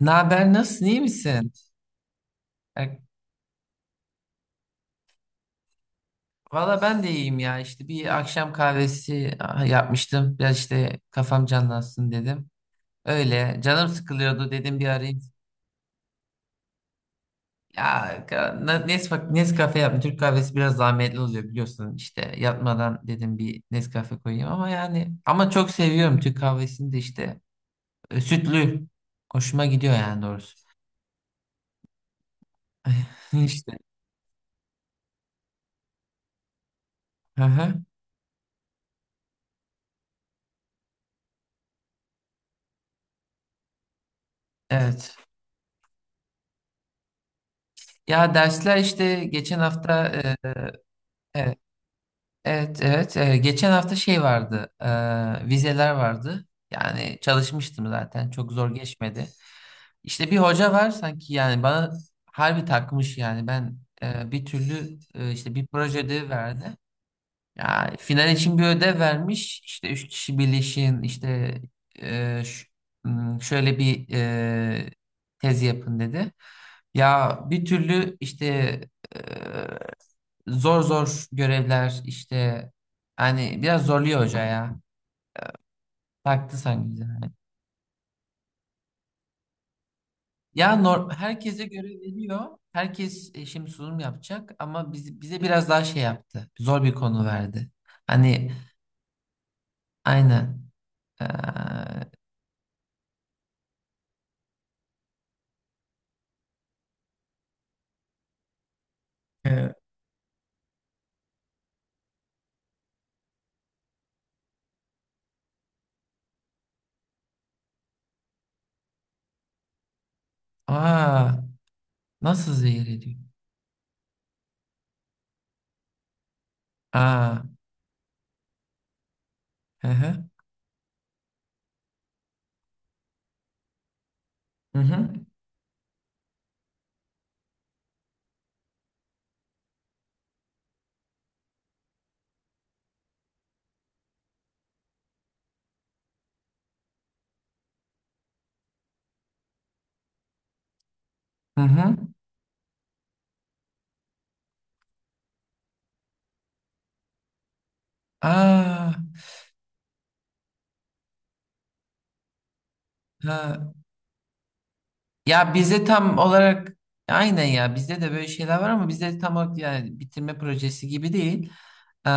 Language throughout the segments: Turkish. Ne haber? Nasılsın? İyi misin? E, Valla ben de iyiyim ya. İşte bir akşam kahvesi yapmıştım. Biraz işte kafam canlansın dedim. Öyle. Canım sıkılıyordu dedim bir arayayım. Ya Nescafe yaptım. Türk kahvesi biraz zahmetli oluyor biliyorsun. İşte yatmadan dedim bir Nescafe koyayım ama yani ama çok seviyorum Türk kahvesini de işte. Sütlü. Hoşuma gidiyor yani doğrusu. İşte. Hı hı. Evet. Ya dersler işte geçen hafta e, Evet, evet. Geçen hafta şey vardı, vizeler vardı. Yani çalışmıştım zaten, çok zor geçmedi. İşte bir hoca var sanki yani bana harbi takmış yani ben bir türlü işte bir proje ödevi verdi. Ya final için bir ödev vermiş. İşte 3 kişi birleşin, işte e, ş- şöyle bir tez yapın dedi. Ya bir türlü işte e, zor zor görevler işte hani biraz zorluyor hoca ya. Baktı sanki bize. Ya herkese göre veriyor. Herkes şimdi sunum yapacak ama bize biraz daha şey yaptı. Zor bir konu verdi. Hani aynen. Ee, Aa, nasıl zehir ediyor? Aa, hı hı, hı hı, hı hı. Aa, ha. Ya bizde tam olarak aynen ya bizde de böyle şeyler var ama bizde tam olarak yani bitirme projesi gibi değil. Eee,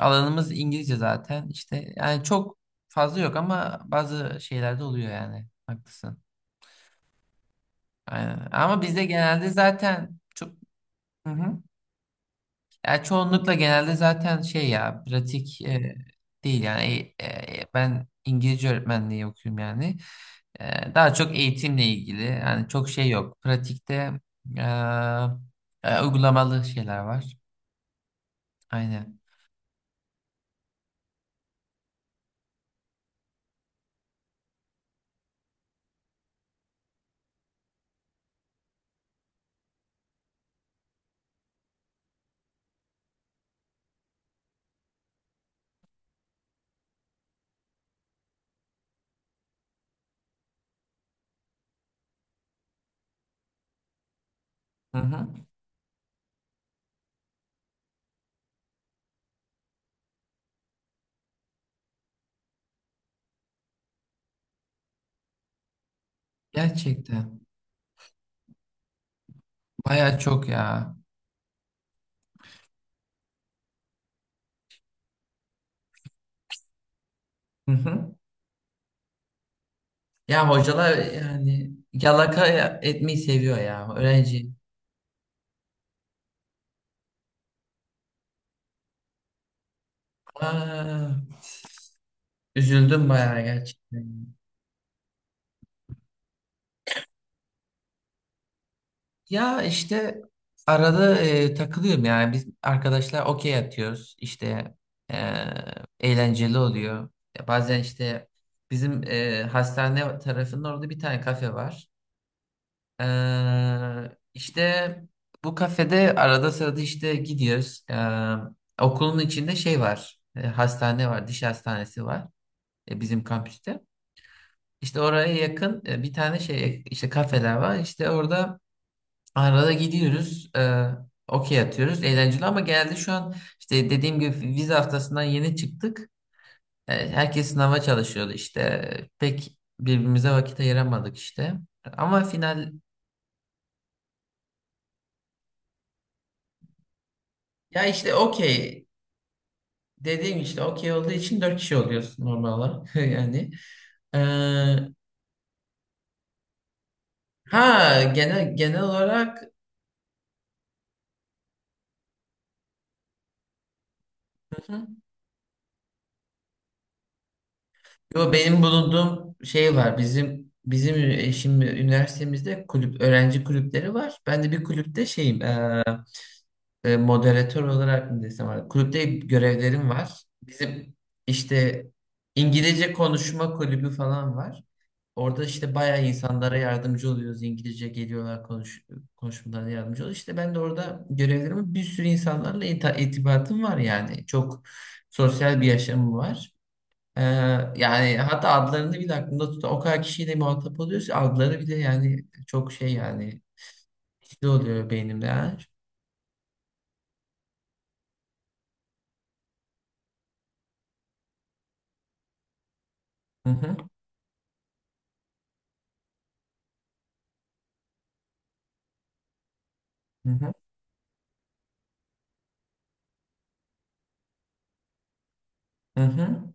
alanımız İngilizce zaten işte yani çok fazla yok ama bazı şeylerde oluyor yani haklısın. Aynen. Ama bizde genelde zaten çok. Hı hı. Ya çoğunlukla genelde zaten şey ya pratik değil yani. Ben İngilizce öğretmenliği okuyorum yani. Daha çok eğitimle ilgili yani çok şey yok. Pratikte e, uygulamalı şeyler var. Aynen. Hı hı. Gerçekten baya çok ya. Hı hı. Ya hocalar yani yalaka etmeyi seviyor ya öğrenci. Aa, üzüldüm bayağı gerçekten. Ya işte arada takılıyorum yani biz arkadaşlar okey atıyoruz işte, e, eğlenceli oluyor. Ya bazen işte bizim hastane tarafının orada bir tane kafe var. E, işte bu kafede arada sırada işte gidiyoruz. Okulun içinde şey var, hastane var, diş hastanesi var, bizim kampüste. İşte oraya yakın bir tane şey işte kafeler var işte orada. Arada gidiyoruz, okey atıyoruz. Eğlenceli ama geldi şu an, işte dediğim gibi vize haftasından yeni çıktık. Herkes sınava çalışıyordu işte. Pek birbirimize vakit ayıramadık işte. Ama final, ya işte okey dediğim, işte okey olduğu için 4 kişi oluyorsun normal olarak yani. E, ha genel genel olarak. Yo benim bulunduğum şey var. Şimdi üniversitemizde kulüp öğrenci kulüpleri var. Ben de bir kulüpte şeyim, moderatör olarak mı desem artık, kulüpte görevlerim var. Bizim işte İngilizce konuşma kulübü falan var. Orada işte bayağı insanlara yardımcı oluyoruz. İngilizce geliyorlar, konuşmalarına yardımcı oluyoruz. İşte ben de orada görevlerimi, bir sürü insanlarla irtibatım var yani. Çok sosyal bir yaşamım var. Ee, yani hatta adlarını bile aklımda tutan o kadar kişiyle muhatap oluyoruz ki, adları bile yani çok şey yani hızlı oluyor beynimde. Ha. Hı hı, hı hı, hı hı.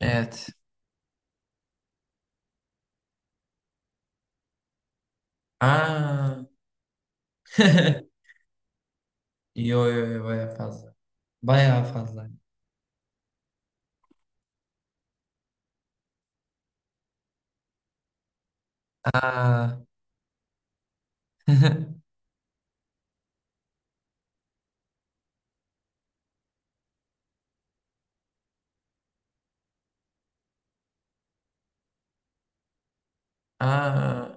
Evet. Aa. Yo, yo, yo, baya fazla. Baya fazla. Aa. Aa.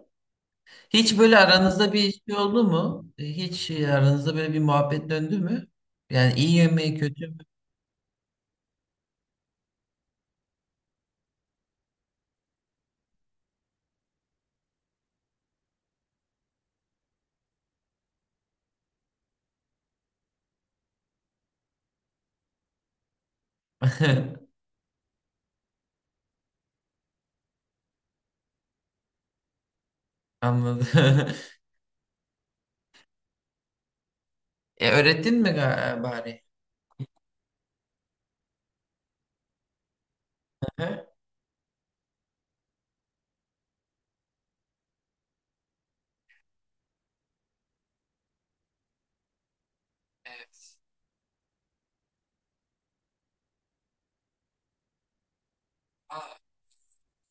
Hiç böyle aranızda bir şey oldu mu? Hiç aranızda böyle bir muhabbet döndü mü? Yani iyi yemeği kötü mü? Anladım. Öğrettin mi bari? Hı hı. Evet.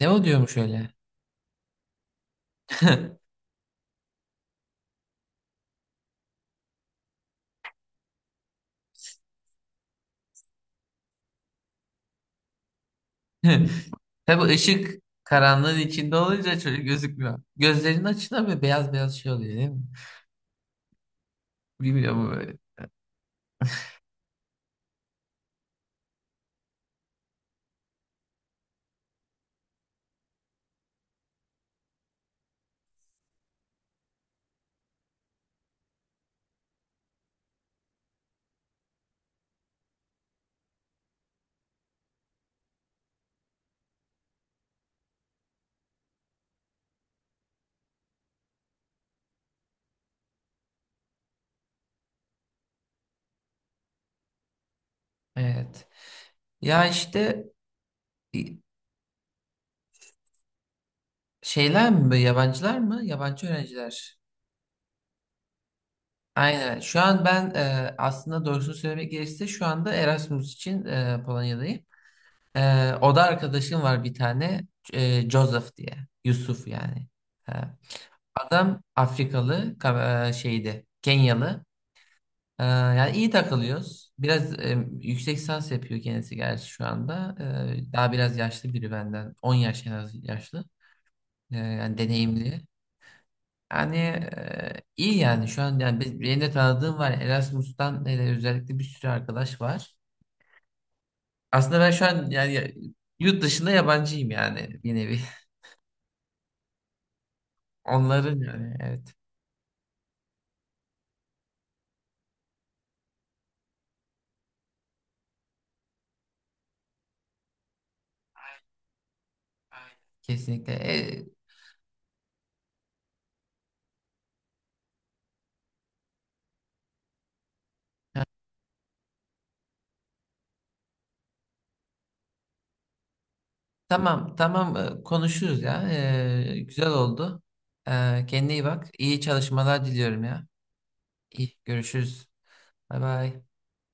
Ne o diyormuş öyle? Tabii ışık karanlığın içinde olunca çocuk gözükmüyor. Gözlerinin açına böyle beyaz beyaz şey oluyor değil mi? Bilmiyorum böyle. Evet. Ya işte i- şeyler mi böyle, yabancılar mı? Yabancı öğrenciler. Aynen. Şu an ben, aslında doğrusunu söylemek gerekirse, şu anda Erasmus için Polonya'dayım. Oda arkadaşım var bir tane. Joseph diye. Yusuf yani. E, adam Afrikalı, şeydi. Kenyalı. Yani iyi takılıyoruz. Biraz yüksek lisans yapıyor kendisi gerçi şu anda. Daha biraz yaşlı biri benden. 10 yaş en az yaşlı. Yani deneyimli. Yani iyi yani şu an yani, benim de tanıdığım var. Erasmus'tan hele özellikle bir sürü arkadaş var. Aslında ben şu an yani, yurt dışında yabancıyım yani bir nevi. Onların yani, evet. Kesinlikle. Tamam, tamam, konuşuruz ya. Güzel oldu. Kendine iyi bak. İyi çalışmalar diliyorum ya. İyi, görüşürüz. Bay bay.